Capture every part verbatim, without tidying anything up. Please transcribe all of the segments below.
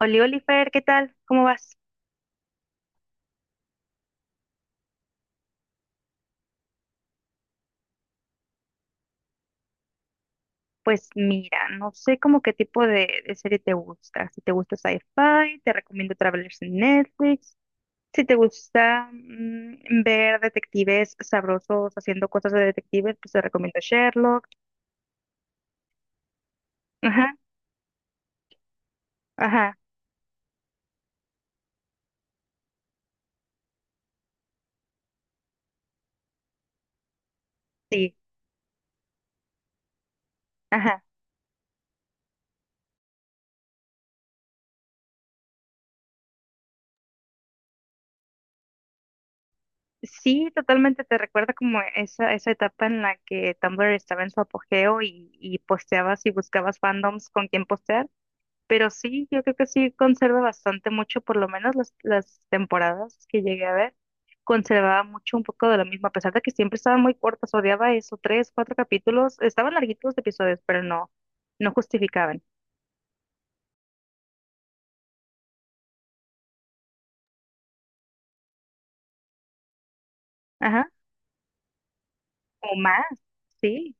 Oli Oliver, ¿qué tal? ¿Cómo vas? Pues mira, no sé como qué tipo de, de serie te gusta. Si te gusta sci-fi, te recomiendo Travelers en Netflix. Si te gusta mm, ver detectives sabrosos haciendo cosas de detectives, pues te recomiendo Sherlock. Ajá, ajá, sí, ajá. Sí, totalmente te recuerda como esa, esa etapa en la que Tumblr estaba en su apogeo y, y posteabas y buscabas fandoms con quien postear. Pero sí, yo creo que sí conserva bastante mucho, por lo menos las, las temporadas que llegué a ver, conservaba mucho un poco de lo mismo, a pesar de que siempre estaban muy cortas, odiaba eso, tres, cuatro capítulos, estaban larguitos los episodios, pero no, no justificaban. Ajá, o más, sí,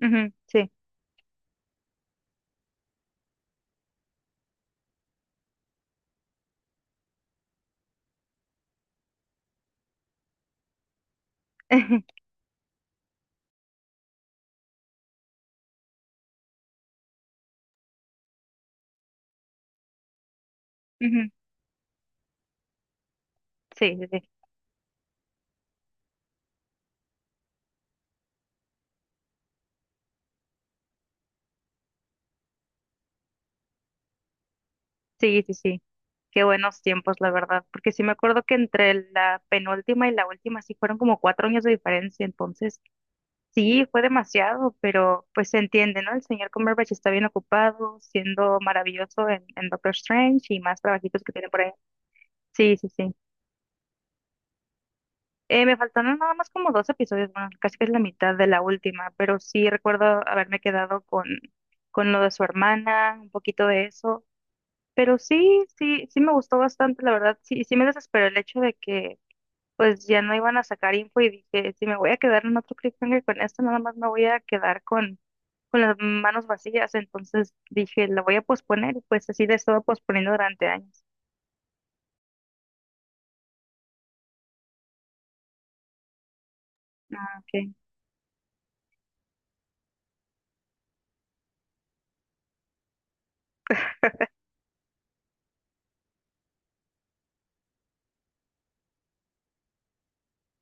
ujú, sí, ujú, sí, sí, sí, sí, sí, sí. Qué buenos tiempos, la verdad, porque sí me acuerdo que entre la penúltima y la última sí fueron como cuatro años de diferencia, entonces sí, fue demasiado, pero pues se entiende, ¿no? El señor Cumberbatch está bien ocupado, siendo maravilloso en, en Doctor Strange y más trabajitos que tiene por ahí. Sí, sí, sí. Eh, me faltaron nada más como dos episodios, bueno, casi que es la mitad de la última, pero sí recuerdo haberme quedado con, con lo de su hermana, un poquito de eso. Pero sí, sí, sí me gustó bastante, la verdad. Sí, sí me desesperó el hecho de que pues ya no iban a sacar info y dije, si me voy a quedar en otro cliffhanger con esto, nada más me voy a quedar con con las manos vacías, entonces dije, la voy a posponer y pues así la he estado posponiendo durante años. Ok,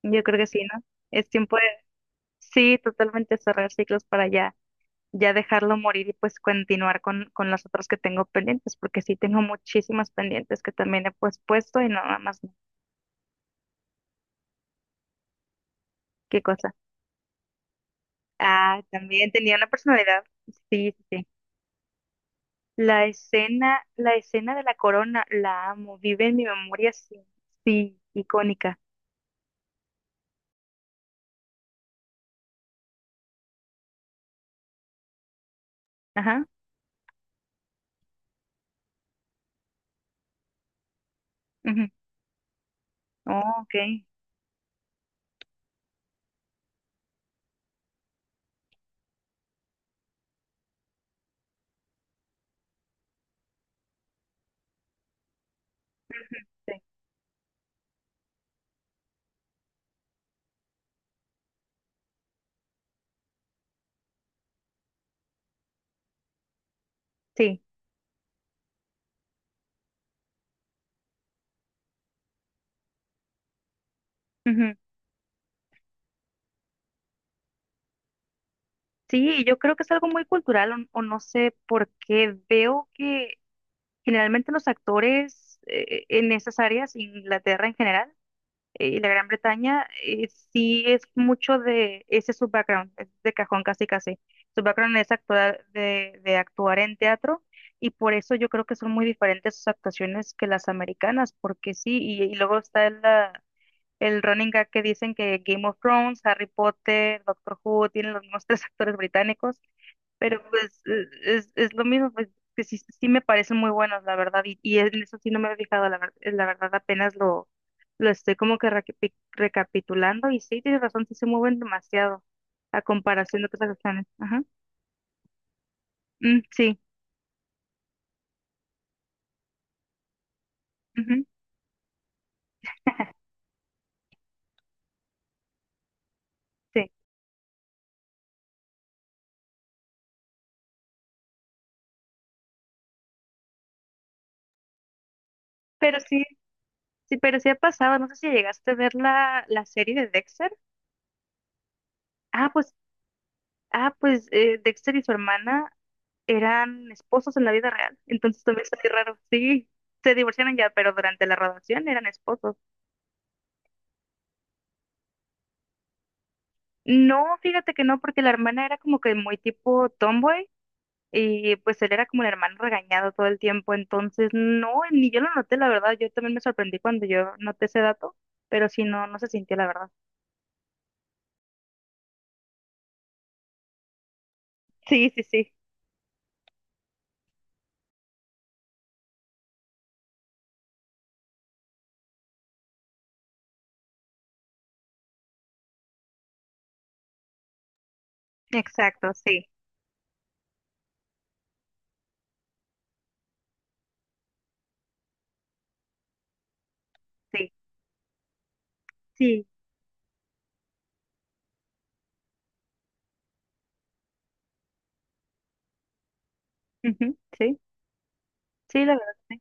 yo creo que sí, ¿no? Es tiempo de, sí, totalmente cerrar ciclos para ya, ya dejarlo morir y pues continuar con, con las otras que tengo pendientes, porque sí tengo muchísimas pendientes que también he pues puesto y no, nada más, no. ¿Qué cosa? Ah, también tenía una personalidad, sí, sí, sí. La escena, la escena de la corona, la amo, vive en mi memoria, sí, sí, icónica. Ajá. Ujú. Oh, ok. Sí, sí, ujú. Sí, yo creo que es algo muy cultural o, o no sé por qué veo que generalmente los actores eh, en esas áreas, Inglaterra en general eh, y la Gran Bretaña, eh, sí es mucho de ese es su background, es de cajón casi casi. Su background es actuar, de, de actuar en teatro y por eso yo creo que son muy diferentes sus actuaciones que las americanas, porque sí, y, y luego está la, el running gag que dicen que Game of Thrones, Harry Potter, Doctor Who tienen los mismos tres actores británicos, pero pues eh, es, es lo mismo, pues que sí, sí me parecen muy buenos, la verdad, y, y en eso sí no me he fijado, la, ver- la verdad apenas lo, lo estoy como que recapi- recapitulando y sí, tienes razón, sí se mueven demasiado a comparación de otras acciones. Ajá. Mm, sí. Ujú. Sí, pero sí, sí, pero sí ha pasado. No sé si llegaste a ver la, la serie de Dexter. Ah, pues, ah, pues eh, Dexter y su hermana eran esposos en la vida real. Entonces también está muy raro. Sí, se divorciaron ya, pero durante la graduación eran esposos. No, fíjate que no, porque la hermana era como que muy tipo tomboy y pues él era como el hermano regañado todo el tiempo. Entonces, no, ni yo lo noté, la verdad. Yo también me sorprendí cuando yo noté ese dato, pero sí, no, no se sintió, la verdad. Sí, sí, sí. Exacto, sí, sí, sí. Ujú, sí, sí, la verdad. Sí.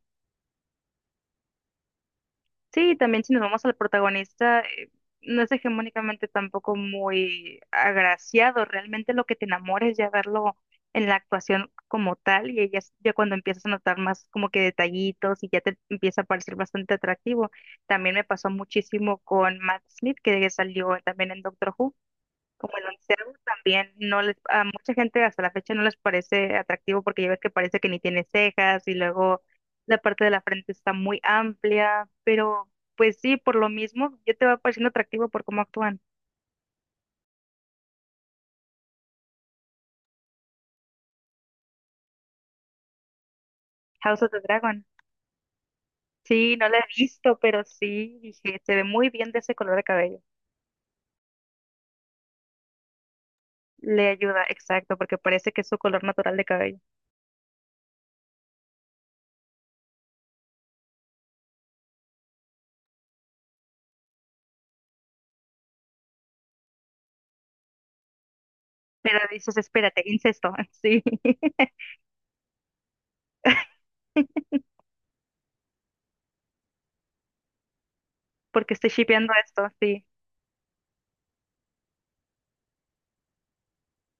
Sí, también si nos vamos al protagonista, eh, no es hegemónicamente tampoco muy agraciado. Realmente lo que te enamora es ya verlo en la actuación como tal y ya, es- ya cuando empiezas a notar más como que detallitos y ya te empieza a parecer bastante atractivo. También me pasó muchísimo con Matt Smith, que salió también en Doctor Who. Como el onceavo también no les, a mucha gente hasta la fecha no les parece atractivo porque ya ves que parece que ni tiene cejas y luego la parte de la frente está muy amplia, pero pues sí, por lo mismo, ya te va pareciendo atractivo por cómo actúan. House of the Dragon. Sí, no la he visto, pero sí, dije, se ve muy bien de ese color de cabello. Le ayuda, exacto, porque parece que es su color natural de cabello. Pero dices, espérate, incesto, sí, porque estoy shipeando esto, sí,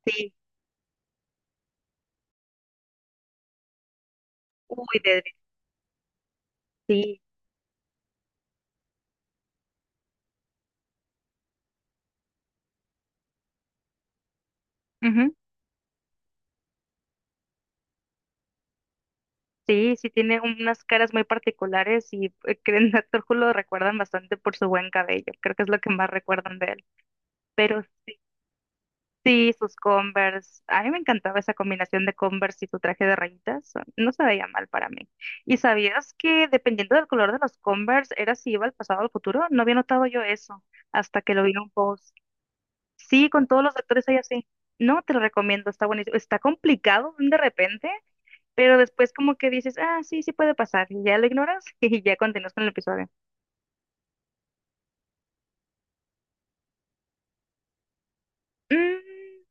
sí, uy, de, sí. Ujú. Sí, sí tiene unas caras muy particulares y eh, que en Doctor Who lo recuerdan bastante por su buen cabello. Creo que es lo que más recuerdan de él. Pero sí, sí, sus Converse. A mí me encantaba esa combinación de Converse y su traje de rayitas. No se veía mal para mí. ¿Y sabías que dependiendo del color de los Converse era si iba al pasado o al futuro? No había notado yo eso hasta que lo vi en un post. Sí, con todos los actores hay así. No, te lo recomiendo, está buenísimo. Está complicado de repente, pero después como que dices, ah, sí, sí puede pasar, y ya lo ignoras y ya continúas con el episodio. Mm,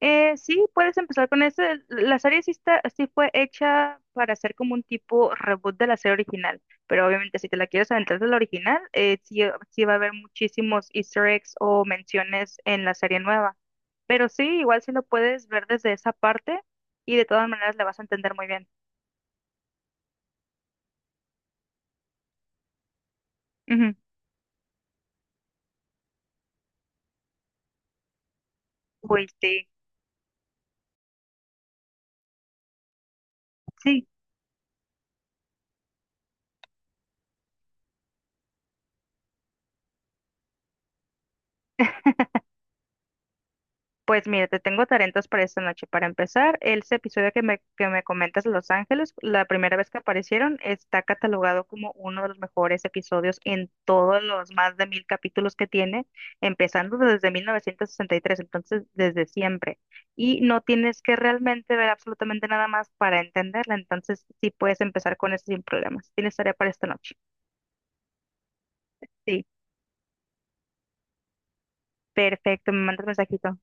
eh, sí, puedes empezar con eso. La serie sí, está, sí fue hecha para hacer como un tipo reboot de la serie original, pero obviamente si te la quieres aventar de la original, eh, sí, sí va a haber muchísimos easter eggs o menciones en la serie nueva. Pero sí, igual sí lo puedes ver desde esa parte y de todas maneras la vas a entender muy bien. Ujú. Uy, sí, sí. Pues mira, te tengo talentos para esta noche. Para empezar, el episodio que me, que me comentas de Los Ángeles, la primera vez que aparecieron, está catalogado como uno de los mejores episodios en todos los más de mil capítulos que tiene, empezando desde mil novecientos sesenta y tres, entonces desde siempre. Y no tienes que realmente ver absolutamente nada más para entenderla, entonces sí puedes empezar con eso sin problemas. Tienes tarea para esta noche. Sí, perfecto, me mandas mensajito.